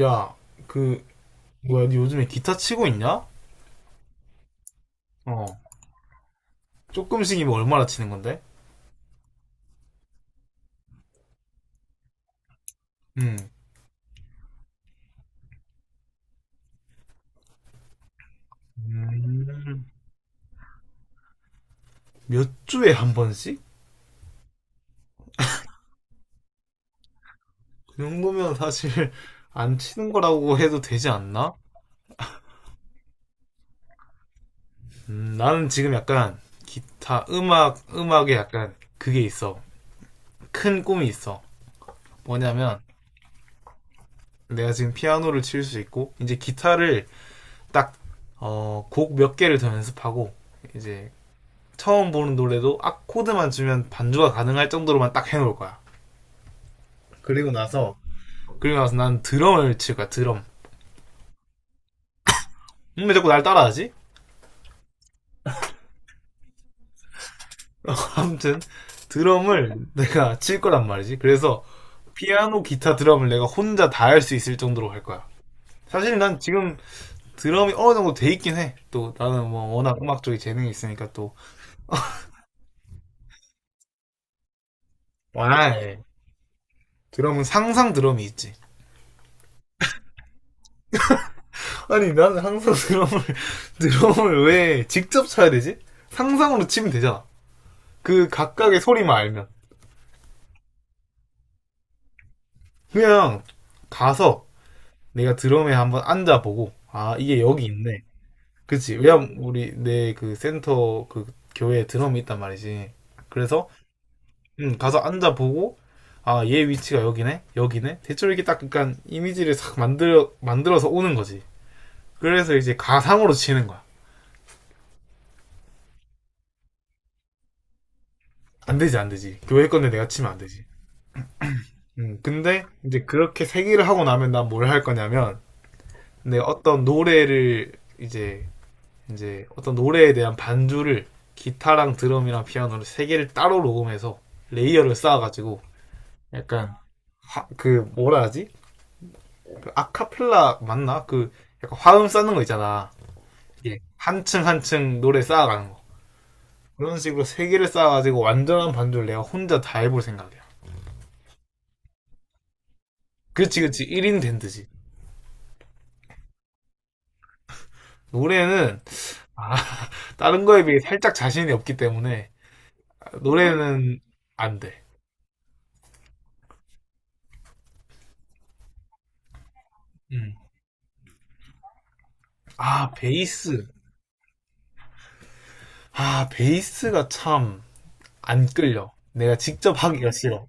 야, 그, 뭐야, 니 요즘에 기타 치고 있냐? 어. 조금씩이면 얼마나 치는 건데? 음. 음. 몇 주에 한 번씩? 그 정도면 사실 안 치는 거라고 해도 되지 않나? 나는 지금 약간 기타, 음악, 음악에 약간 그게 있어. 큰 꿈이 있어. 뭐냐면, 내가 지금 피아노를 칠 수 있고, 이제 기타를 딱, 곡 몇 개를 더 연습하고, 이제 처음 보는 노래도 악코드만 주면 반주가 가능할 정도로만 딱 해놓을 거야. 그리고 나서 그리고 나서 난 드럼을 칠 거야. 드럼. 왜 자꾸 날 따라하지? 아무튼 드럼을 내가 칠 거란 말이지. 그래서 피아노, 기타, 드럼을 내가 혼자 다 할 수 있을 정도로 할 거야. 사실 난 지금 드럼이 어느 정도 돼 있긴 해. 또 나는 뭐 워낙 음악 쪽에 재능이 있으니까 또. 와. 드럼은 상상 드럼이 있지. 아니 나는 항상 드럼을 드럼을 왜 직접 쳐야 되지? 상상으로 치면 되잖아. 그 각각의 소리만 알면. 그냥 가서 내가 드럼에 한번 앉아보고, 아 이게 여기 있네. 그치 왜냐면 우리 내 그 센터 그 교회에 드럼이 있단 말이지. 그래서 가서 앉아보고, 아 얘 위치가 여기네 대충 이렇게 딱 약간 이미지를 싹 만들어서 오는 거지. 그래서 이제 가상으로 치는 거야. 안 되지, 교회 건데 내가 치면 안 되지. 근데 이제 그렇게 세기를 하고 나면 난 뭘 할 거냐면, 내 어떤 노래를 이제 이제 어떤 노래에 대한 반주를, 기타랑 드럼이랑 피아노를 세 개를 따로 녹음해서 레이어를 쌓아가지고 약간 그 뭐라 하지? 그 아카펠라 맞나? 그 약간 화음 쌓는 거 있잖아. 예. 한층 한층 노래 쌓아가는 거. 그런 식으로 세 개를 쌓아가지고 완전한 반주를 내가 혼자 다 해볼 생각이야. 그렇지, 1인 밴드지. 노래는, 아, 다른 거에 비해 살짝 자신이 없기 때문에, 노래는 안 돼. 음. 아 베이스, 아, 베이스가 참 안 끌려. 내가 직접 하기가 싫어.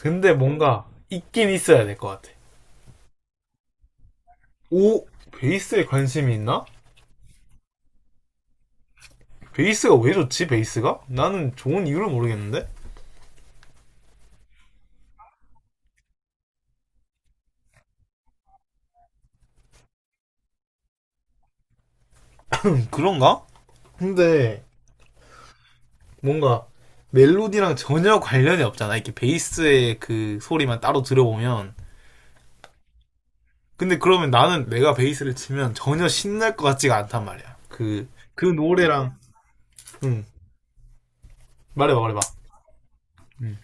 근데 뭔가 있긴 있어야 될 것 같아. 오, 베이스에 관심이 있나? 베이스가 왜 좋지, 베이스가? 나는 좋은 이유를 모르겠는데? 그런가? 근데 뭔가 멜로디랑 전혀 관련이 없잖아. 이렇게 베이스의 그 소리만 따로 들어보면. 근데 그러면 나는 내가 베이스를 치면 전혀 신날 것 같지가 않단 말이야. 그, 그 노래랑, 응, 말해봐. 응.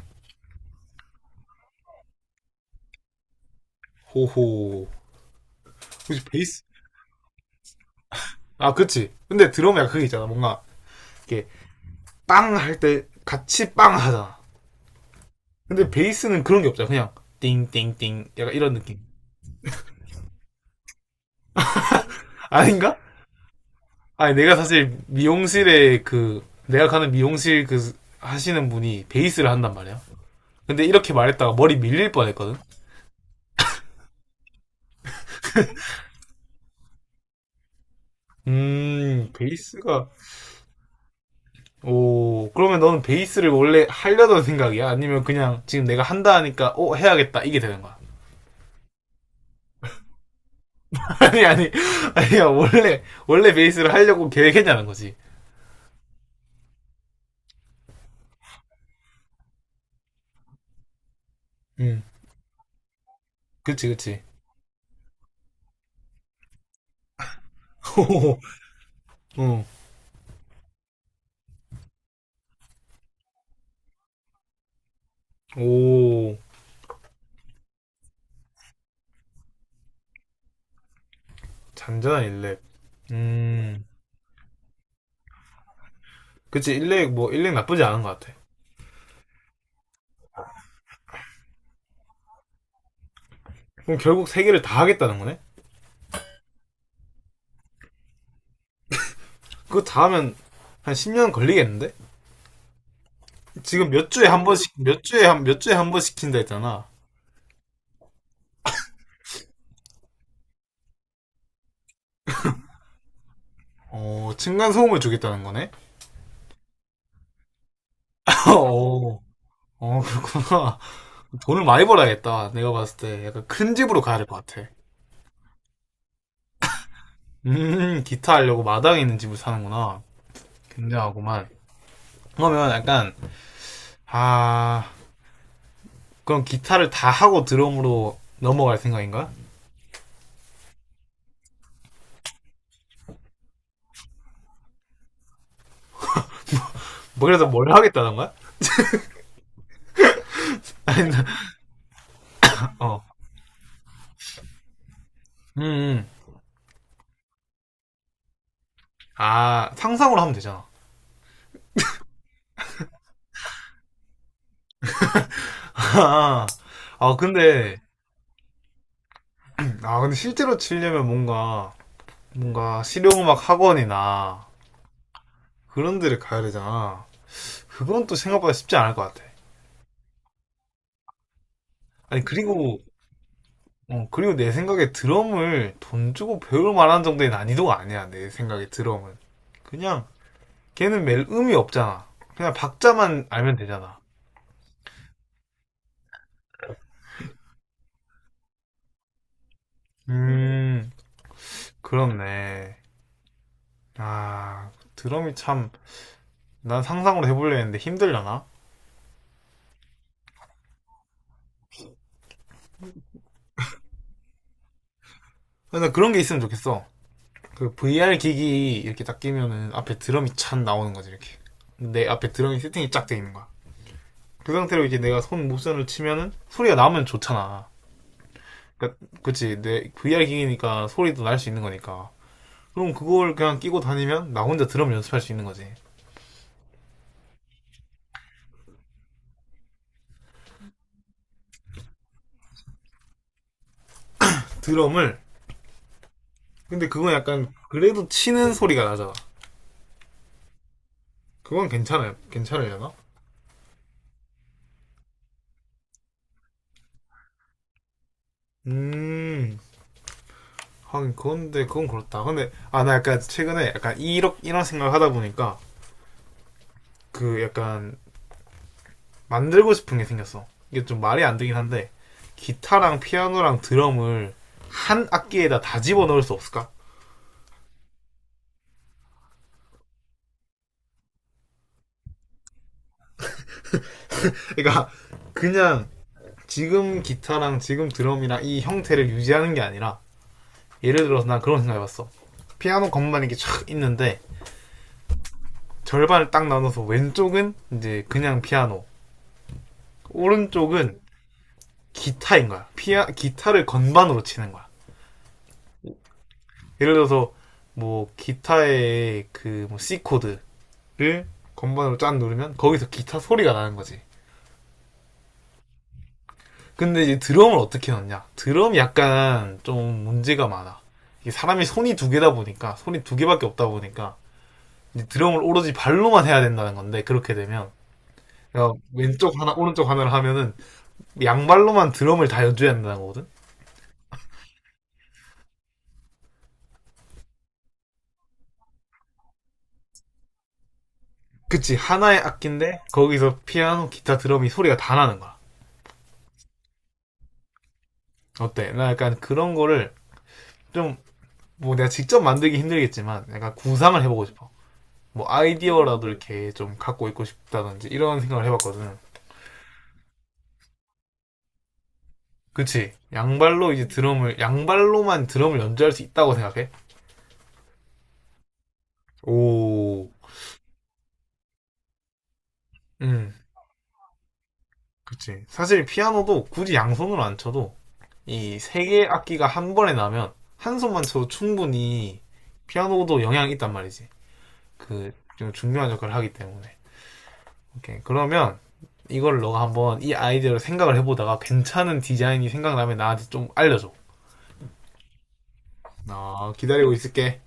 호호. 혹시 베이스, 아, 그치. 근데 드럼 약간 그게 있잖아. 뭔가, 이렇게, 빵 할 때, 같이 빵 하잖아. 근데 베이스는 그런 게 없잖아. 그냥, 띵띵띵. 약간 이런 느낌. 아닌가? 아니, 내가 사실 미용실에 그, 내가 가는 미용실 그, 하시는 분이 베이스를 한단 말이야. 근데 이렇게 말했다가 머리 밀릴 뻔 했거든? 베이스가, 오, 그러면 너는 베이스를 원래 하려던 생각이야? 아니면 그냥 지금 내가 한다 하니까, 어, 해야겠다. 이게 되는 거야. 아니 아니야 원래 베이스를 하려고 계획했냐는 거지. 음. 그치. 어오 잔잔한 일렉. 음. 그치 일렉, 뭐 일렉 나쁘지 않은 것 같아. 그럼 결국 세 개를 다 하겠다는 거네? 그거 다 하면 한 10년 걸리겠는데? 지금 몇 주에 한 번씩 몇 주에 한 몇 주에 한 번 시킨다 했잖아. 어 층간 소음을 주겠다는 거네? 어. 어 그렇구나. 돈을 많이 벌어야겠다. 내가 봤을 때 약간 큰 집으로 가야 될 것 같아. 기타 하려고 마당에 있는 집을 사는구나. 굉장하구만. 그러면 약간, 아, 그럼 기타를 다 하고 드럼으로 넘어갈 생각인가? 뭐, 그래서 뭘 하겠다는 거야? 아 어. 음, 음. 아, 상상으로 하면 되잖아. 아, 근데, 아, 근데 실제로 치려면 뭔가, 뭔가 실용음악 학원이나 그런 데를 가야 되잖아. 그건 또 생각보다 쉽지 않을 것 같아. 아니, 그리고 어, 그리고 내 생각에 드럼을 돈 주고 배울 만한 정도의 난이도가 아니야. 내 생각에 드럼은. 그냥 걔는 멜 음이 없잖아. 그냥 박자만 알면 되잖아. 음, 그렇네. 아, 드럼이 참, 난 상상으로 해보려 했는데 힘들려나? 근데 그런 게 있으면 좋겠어. 그 VR 기기 이렇게 딱 끼면은 앞에 드럼이 찬 나오는 거지, 이렇게. 내 앞에 드럼이 세팅이 쫙 돼 있는 거야. 그 상태로 이제 내가 손 모션을 치면은 소리가 나면 좋잖아. 그러니까 그치 내 VR 기기니까 소리도 날 수 있는 거니까, 그럼 그걸 그냥 끼고 다니면 나 혼자 드럼 연습할 수 있는 거지. 드럼을, 근데 그건 약간 그래도 치는 소리가 나잖아. 그건 괜찮아요 괜찮으려나? 음 하긴 그건데 그건 그렇다. 근데 아 나 약간 최근에 약간 이런 생각을 하다 보니까 그 약간 만들고 싶은 게 생겼어. 이게 좀 말이 안 되긴 한데, 기타랑 피아노랑 드럼을 한 악기에다 다 집어넣을 수 없을까? 그러니까 그냥 지금 기타랑 지금 드럼이랑 이 형태를 유지하는 게 아니라, 예를 들어서 난 그런 생각해봤어. 피아노 건반 이렇게 촥 있는데, 절반을 딱 나눠서 왼쪽은 이제 그냥 피아노, 오른쪽은 기타인 거야. 피아 기타를 건반으로 치는 거야. 예를 들어서 뭐 기타의 그뭐 C 코드를 건반으로 짠 누르면 거기서 기타 소리가 나는 거지. 근데 이제 드럼을 어떻게 넣냐? 드럼이 약간 좀 문제가 많아. 이게 사람이 손이 두 개다 보니까 손이 두 개밖에 없다 보니까 이제 드럼을 오로지 발로만 해야 된다는 건데, 그렇게 되면, 그러니까 왼쪽 하나 오른쪽 하나를 하면은 양발로만 드럼을 다 연주해야 된다는 거거든. 그치 하나의 악기인데 거기서 피아노, 기타, 드럼이 소리가 다 나는 거야. 어때? 나 약간 그런 거를 좀, 뭐 내가 직접 만들기 힘들겠지만 약간 구상을 해보고 싶어. 뭐 아이디어라도 이렇게 좀 갖고 있고 싶다든지 이런 생각을 해봤거든. 그치? 양발로 이제 드럼을 양발로만 드럼을 연주할 수 있다고 생각해? 오, 음. 그치. 사실 피아노도 굳이 양손으로 안 쳐도 이 세 개의 악기가 한 번에 나면 한 손만 쳐도 충분히 피아노도 영향이 있단 말이지. 그, 좀 중요한 역할을 하기 때문에. 오케이. 그러면 이걸 너가 한번 이 아이디어를 생각을 해보다가 괜찮은 디자인이 생각나면 나한테 좀 알려줘. 아, 기다리고 있을게.